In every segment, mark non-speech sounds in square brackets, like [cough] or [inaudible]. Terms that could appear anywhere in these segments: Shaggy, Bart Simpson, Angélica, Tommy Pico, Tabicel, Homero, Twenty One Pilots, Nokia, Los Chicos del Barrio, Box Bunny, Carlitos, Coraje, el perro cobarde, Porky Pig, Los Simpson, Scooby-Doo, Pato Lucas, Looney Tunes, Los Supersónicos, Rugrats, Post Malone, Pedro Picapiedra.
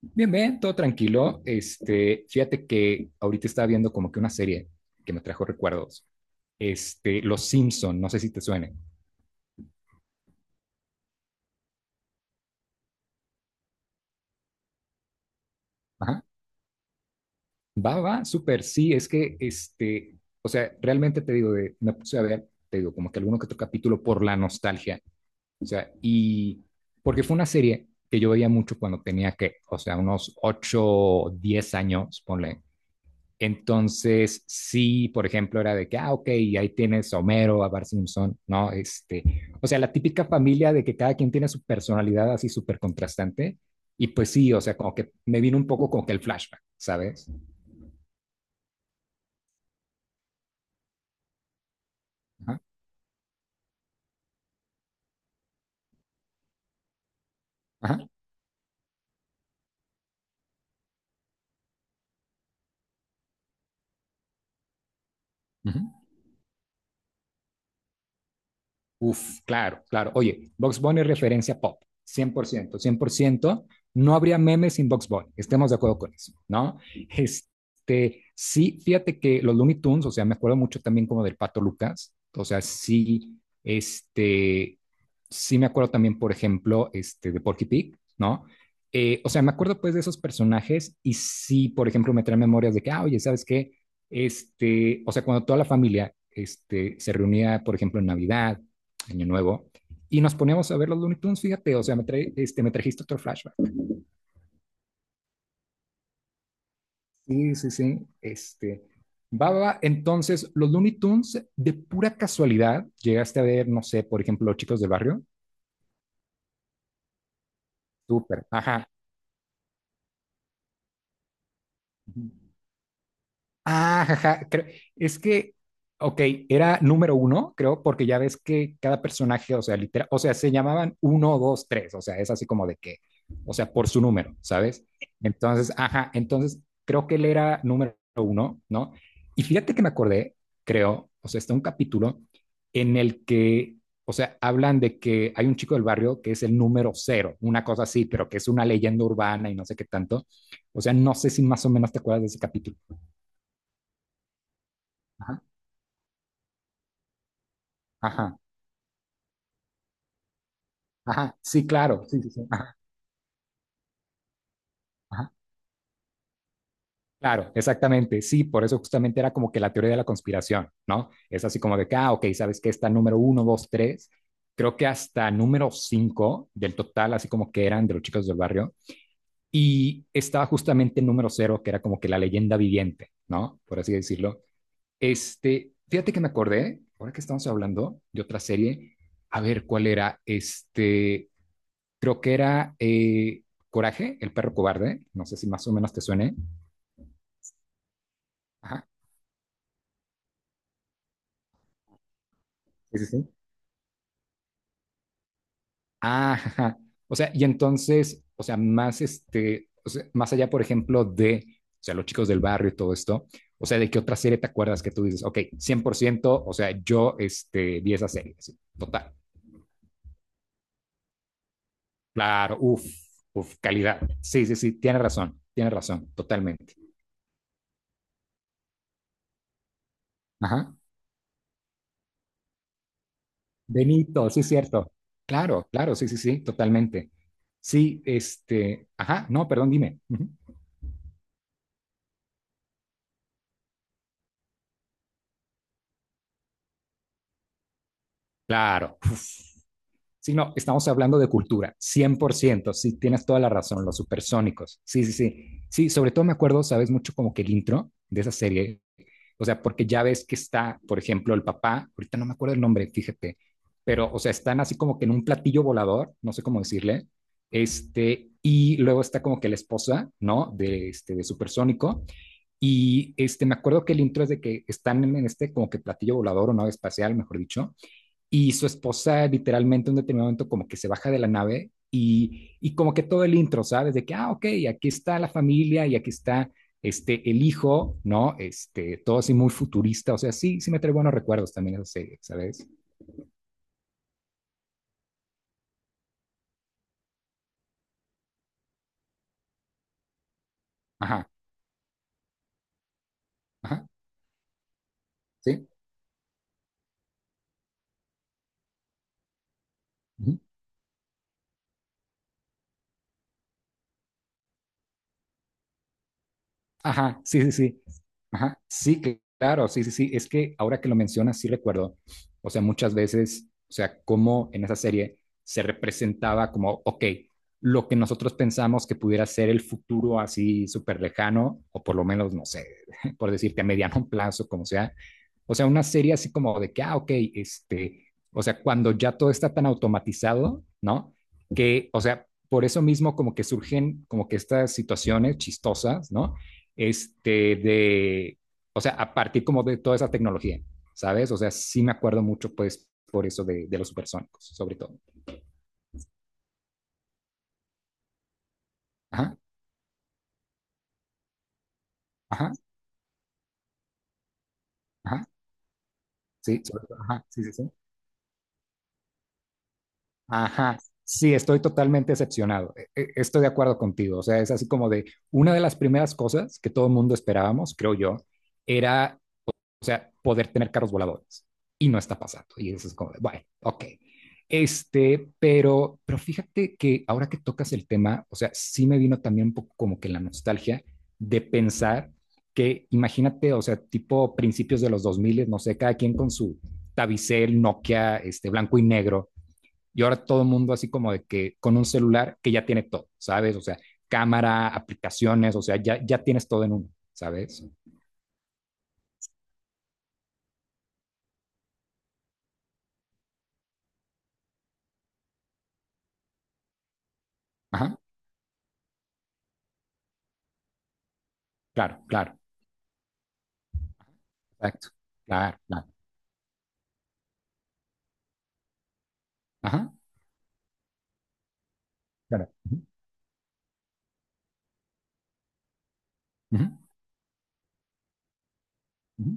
Bien, bien, todo tranquilo. Fíjate que ahorita estaba viendo como que una serie que me trajo recuerdos. Los Simpson, no sé si te suene. Ajá. Va, va, súper, sí, es que, o sea, realmente te digo, me puse a ver, te digo, como que alguno que otro capítulo por la nostalgia, o sea, y porque fue una serie que yo veía mucho cuando tenía que, o sea, unos 8, 10 años, ponle. Entonces, sí, por ejemplo, era de que, ah, ok, y ahí tienes a Homero, a Bart Simpson, ¿no? O sea, la típica familia de que cada quien tiene su personalidad así súper contrastante. Y pues sí, o sea, como que me vino un poco como que el flashback, ¿sabes? Ajá, ajá, ujú. Uf, claro, claro. Oye, Box Bunny es referencia pop, cien por ciento, cien por ciento. No habría memes sin Box Bunny, estemos de acuerdo con eso, ¿no? Sí, fíjate que los Looney Tunes, o sea, me acuerdo mucho también como del Pato Lucas, o sea, sí, este, sí me acuerdo también, por ejemplo, de Porky Pig, ¿no? O sea, me acuerdo pues de esos personajes y sí, por ejemplo, me trae memorias de que, ah, oye, ¿sabes qué? O sea, cuando toda la familia, se reunía, por ejemplo, en Navidad, año nuevo, y nos poníamos a ver los Looney Tunes, fíjate, o sea, me trajiste otro flashback. Sí, sí, sí, Baba, entonces, los Looney Tunes, de pura casualidad, llegaste a ver, no sé, por ejemplo, Los Chicos del Barrio, súper, ajá. Ah, jaja, es que, ok, era número uno, creo, porque ya ves que cada personaje, o sea, literal, o sea, se llamaban uno, dos, tres, o sea, es así como de que, o sea, por su número, ¿sabes? Entonces, ajá, entonces creo que él era número uno, ¿no? Y fíjate que me acordé, creo, o sea, está un capítulo en el que, o sea, hablan de que hay un chico del barrio que es el número cero, una cosa así, pero que es una leyenda urbana y no sé qué tanto. O sea, no sé si más o menos te acuerdas de ese capítulo. Ajá, ajá, sí, claro, sí, sí, sí, ajá, ajá, claro, exactamente, sí, por eso justamente era como que la teoría de la conspiración, ¿no? Es así como de que, ah, ok, sabes que está número uno, dos, tres, creo que hasta número cinco del total, así como que eran de los chicos del barrio, y estaba justamente el número cero, que era como que la leyenda viviente, ¿no? Por así decirlo. Fíjate que me acordé, ahora que estamos hablando de otra serie, a ver cuál era, Creo que era Coraje, el perro cobarde. No sé si más o menos te suene. Ajá. Sí, sí, sí. Ah, ajá. O sea, y entonces, o sea, más o sea, más allá, por ejemplo, de, o sea, los chicos del barrio y todo esto, o sea, ¿de qué otra serie te acuerdas que tú dices, ok, 100% o sea, yo vi esa serie, sí, total. Claro, uff, uff, calidad. Sí, sí, sí, tienes razón, totalmente. Ajá. Benito, sí, cierto. Claro, claro, sí, sí, sí, totalmente. Sí, ajá, no, perdón, dime. Ujú. Claro. Uf. Sí, no, estamos hablando de cultura, 100%, sí, tienes toda la razón, los supersónicos. Sí, sí, sí. Sí, sobre todo me acuerdo, sabes, mucho como que el intro de esa serie, o sea, porque ya ves que está, por ejemplo, el papá, ahorita no me acuerdo el nombre, fíjate, pero, o sea, están así como que en un platillo volador, no sé cómo decirle, y luego está como que la esposa, ¿no? De supersónico. Y me acuerdo que el intro es de que están en este como que platillo volador o nave espacial, mejor dicho, y su esposa literalmente en un determinado momento como que se baja de la nave y como que todo el intro, ¿sabes? De que, ah, ok, aquí está la familia y aquí está el hijo, ¿no? Todo así muy futurista, o sea, sí, sí me trae buenos recuerdos también esa serie, ¿sabes? Ajá, ajá, sí. Ujú. Ajá, sí, sí, sí. Ajá, sí, claro, sí, sí, sí. Es que ahora que lo mencionas, sí recuerdo. O sea, muchas veces, o sea, cómo en esa serie se representaba como, ok, lo que nosotros pensamos que pudiera ser el futuro así súper lejano, o por lo menos, no sé, [laughs] por decirte a mediano [laughs] plazo, como sea. O sea, una serie así como de que, ah, ok, o sea, cuando ya todo está tan automatizado, ¿no? Que, o sea, por eso mismo como que surgen como que estas situaciones chistosas, ¿no? este, de, o sea, a partir como de toda esa tecnología, ¿sabes? O sea, sí me acuerdo mucho, pues, por eso de los supersónicos, sobre todo. Ajá, ajá, ajá, sí, sobre todo, ajá, sí, sí, sí. Ajá, sí, estoy totalmente decepcionado. Estoy de acuerdo contigo. O sea, es así como de una de las primeras cosas que todo el mundo esperábamos, creo yo, era o sea, poder tener carros voladores. Y no está pasando. Y eso es como, bueno, ok. Pero fíjate que ahora que tocas el tema, o sea, sí me vino también un poco como que la nostalgia de pensar que, imagínate, o sea, tipo principios de los 2000, no sé, cada quien con su Tabicel, Nokia, blanco y negro, y ahora todo el mundo así como de que con un celular que ya tiene todo, ¿sabes? O sea, cámara, aplicaciones, o sea, ya, ya tienes todo en uno, ¿sabes? Ajá, claro, claro. Exacto. Claro, claro. Ajá, claro. Ujú, ujú, ujú.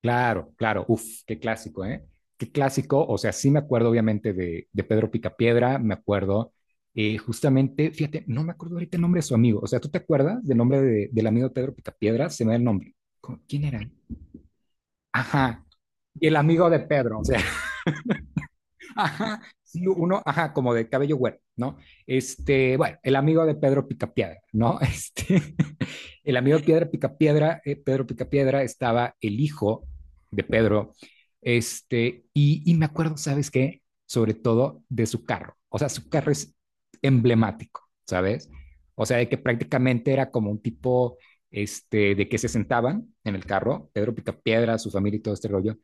Claro, claro. Uf, qué clásico, ¿eh? Qué clásico. O sea, sí me acuerdo obviamente de Pedro Picapiedra, me acuerdo justamente, fíjate, no me acuerdo ahorita el nombre de su amigo. O sea, ¿tú te acuerdas del nombre del amigo de Pedro Picapiedra? Se me da el nombre. ¿Quién era? Ajá. Y el amigo de Pedro, o sea, [laughs] ajá, sí, uno, ajá, como de cabello güero, ¿no? Bueno, el amigo de Pedro Picapiedra, ¿no? [laughs] El amigo Piedra Picapiedra, Pedro Picapiedra, estaba el hijo de Pedro. Y me acuerdo, ¿sabes qué? Sobre todo de su carro. O sea, su carro es emblemático, ¿sabes? O sea, de que prácticamente era como un tipo de que se sentaban en el carro, Pedro Picapiedra, su familia y todo este rollo.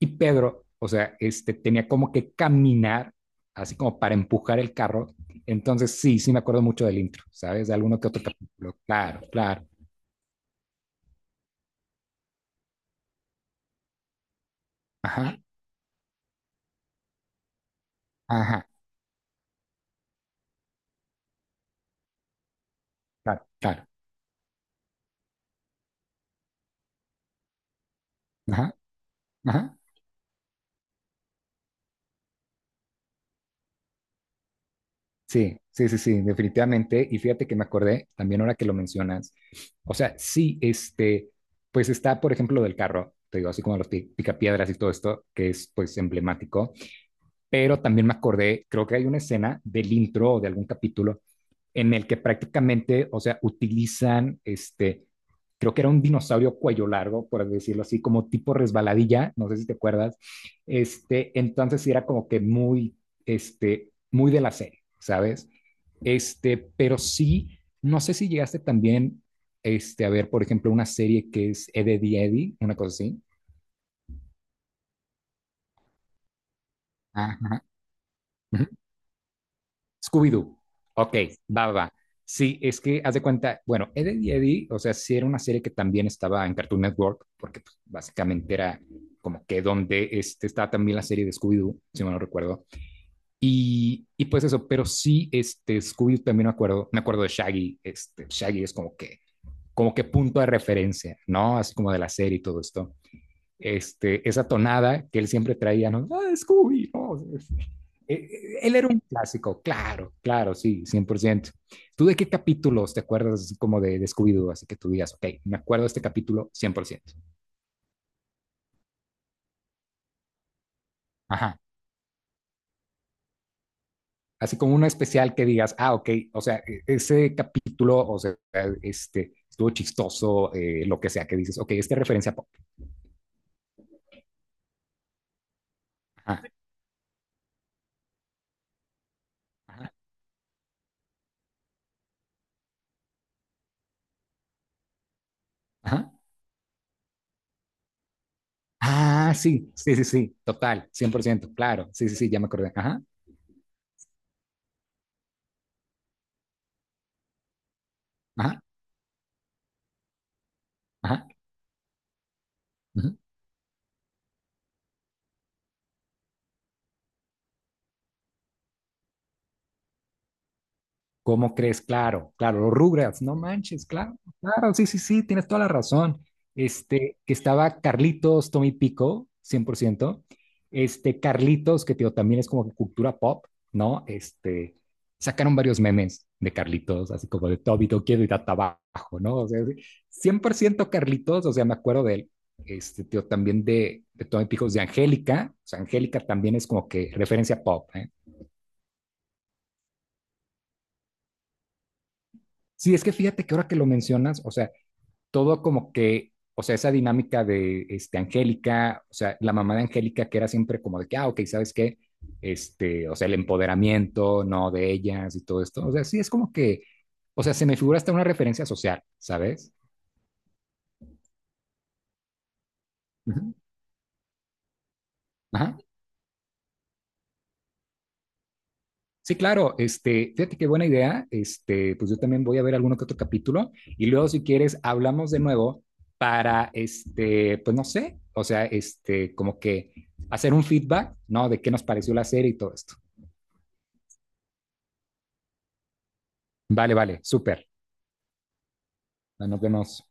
Y Pedro, o sea, tenía como que caminar, así como para empujar el carro. Entonces, sí, sí me acuerdo mucho del intro, ¿sabes? De alguno que otro capítulo. Claro, claro. Ajá, ajá, claro, claro. Ajá, ajá. Sí, sí, sí, sí, definitivamente. Y fíjate que me acordé también ahora que lo mencionas. O sea, sí, pues está, por ejemplo, lo del carro, te digo, así como los picapiedras y todo esto, que es pues emblemático. Pero también me acordé, creo que hay una escena del intro o de algún capítulo en el que prácticamente, o sea, utilizan creo que era un dinosaurio cuello largo, por decirlo así, como tipo resbaladilla, no sé si te acuerdas. Entonces sí era como que muy, muy de la serie, ¿sabes? Pero sí, no sé si llegaste también a ver, por ejemplo, una serie que es Eddie Eddie, una cosa así. Ajá. Ujú. Scooby-Doo. Ok, va, va, va. Sí, es que haz de cuenta, bueno, Ed, Ed y Eddie, o sea, sí era una serie que también estaba en Cartoon Network, porque pues, básicamente era como que donde estaba también la serie de Scooby-Doo, si mal no recuerdo. Y pues eso, pero sí, Scooby-Doo también me acuerdo de Shaggy, Shaggy es como que punto de referencia, ¿no? Así como de la serie y todo esto esa tonada que él siempre traía, ¿no? Ah, Scooby, ¿no? Él era un clásico, claro, claro, sí, cien por ciento. ¿Tú de qué capítulos te acuerdas como de Scooby-Doo? Así que tú digas, ok, me acuerdo de este capítulo cien por ciento. Ajá. Así como uno especial que digas, ah, ok, o sea, e, ese capítulo, o sea, estuvo chistoso, lo que sea, que dices, ok, esta referencia pop. Ajá, ajá, ajá. Ah, sí, sí, sí, sí, total, 100% claro, sí, sí, sí, ya me acordé. Ajá, ajá, ajá. Ajá. ¿Cómo crees? Claro, claro, los Rugrats, no manches, claro, claro, sí, sí, sí, tienes toda la razón. Que estaba Carlitos, Tommy Pico, 100%. Carlitos, que tío, también es como que cultura pop, ¿no? Sacaron varios memes de Carlitos, así como de Tobito, quiero ir a trabajo, ¿no? O sea, sí, 100% Carlitos, o sea, me acuerdo de él. Tío, también de Tommy Pico, de Angélica, o sea, Angélica también es como que referencia pop, ¿eh? Sí, es que fíjate que ahora que lo mencionas, o sea, todo como que, o sea, esa dinámica de Angélica, o sea, la mamá de Angélica que era siempre como de que, ah, ok, ¿sabes qué? O sea, el empoderamiento, ¿no? De ellas y todo esto. O sea, sí, es como que, o sea, se me figura hasta una referencia social, ¿sabes? Ujú. Ajá. Sí, claro, fíjate qué buena idea. Pues yo también voy a ver alguno que otro capítulo y luego si quieres hablamos de nuevo para pues no sé, o sea, como que hacer un feedback, ¿no? De qué nos pareció la serie y todo esto. Vale, vale, súper. Bueno, nos vemos.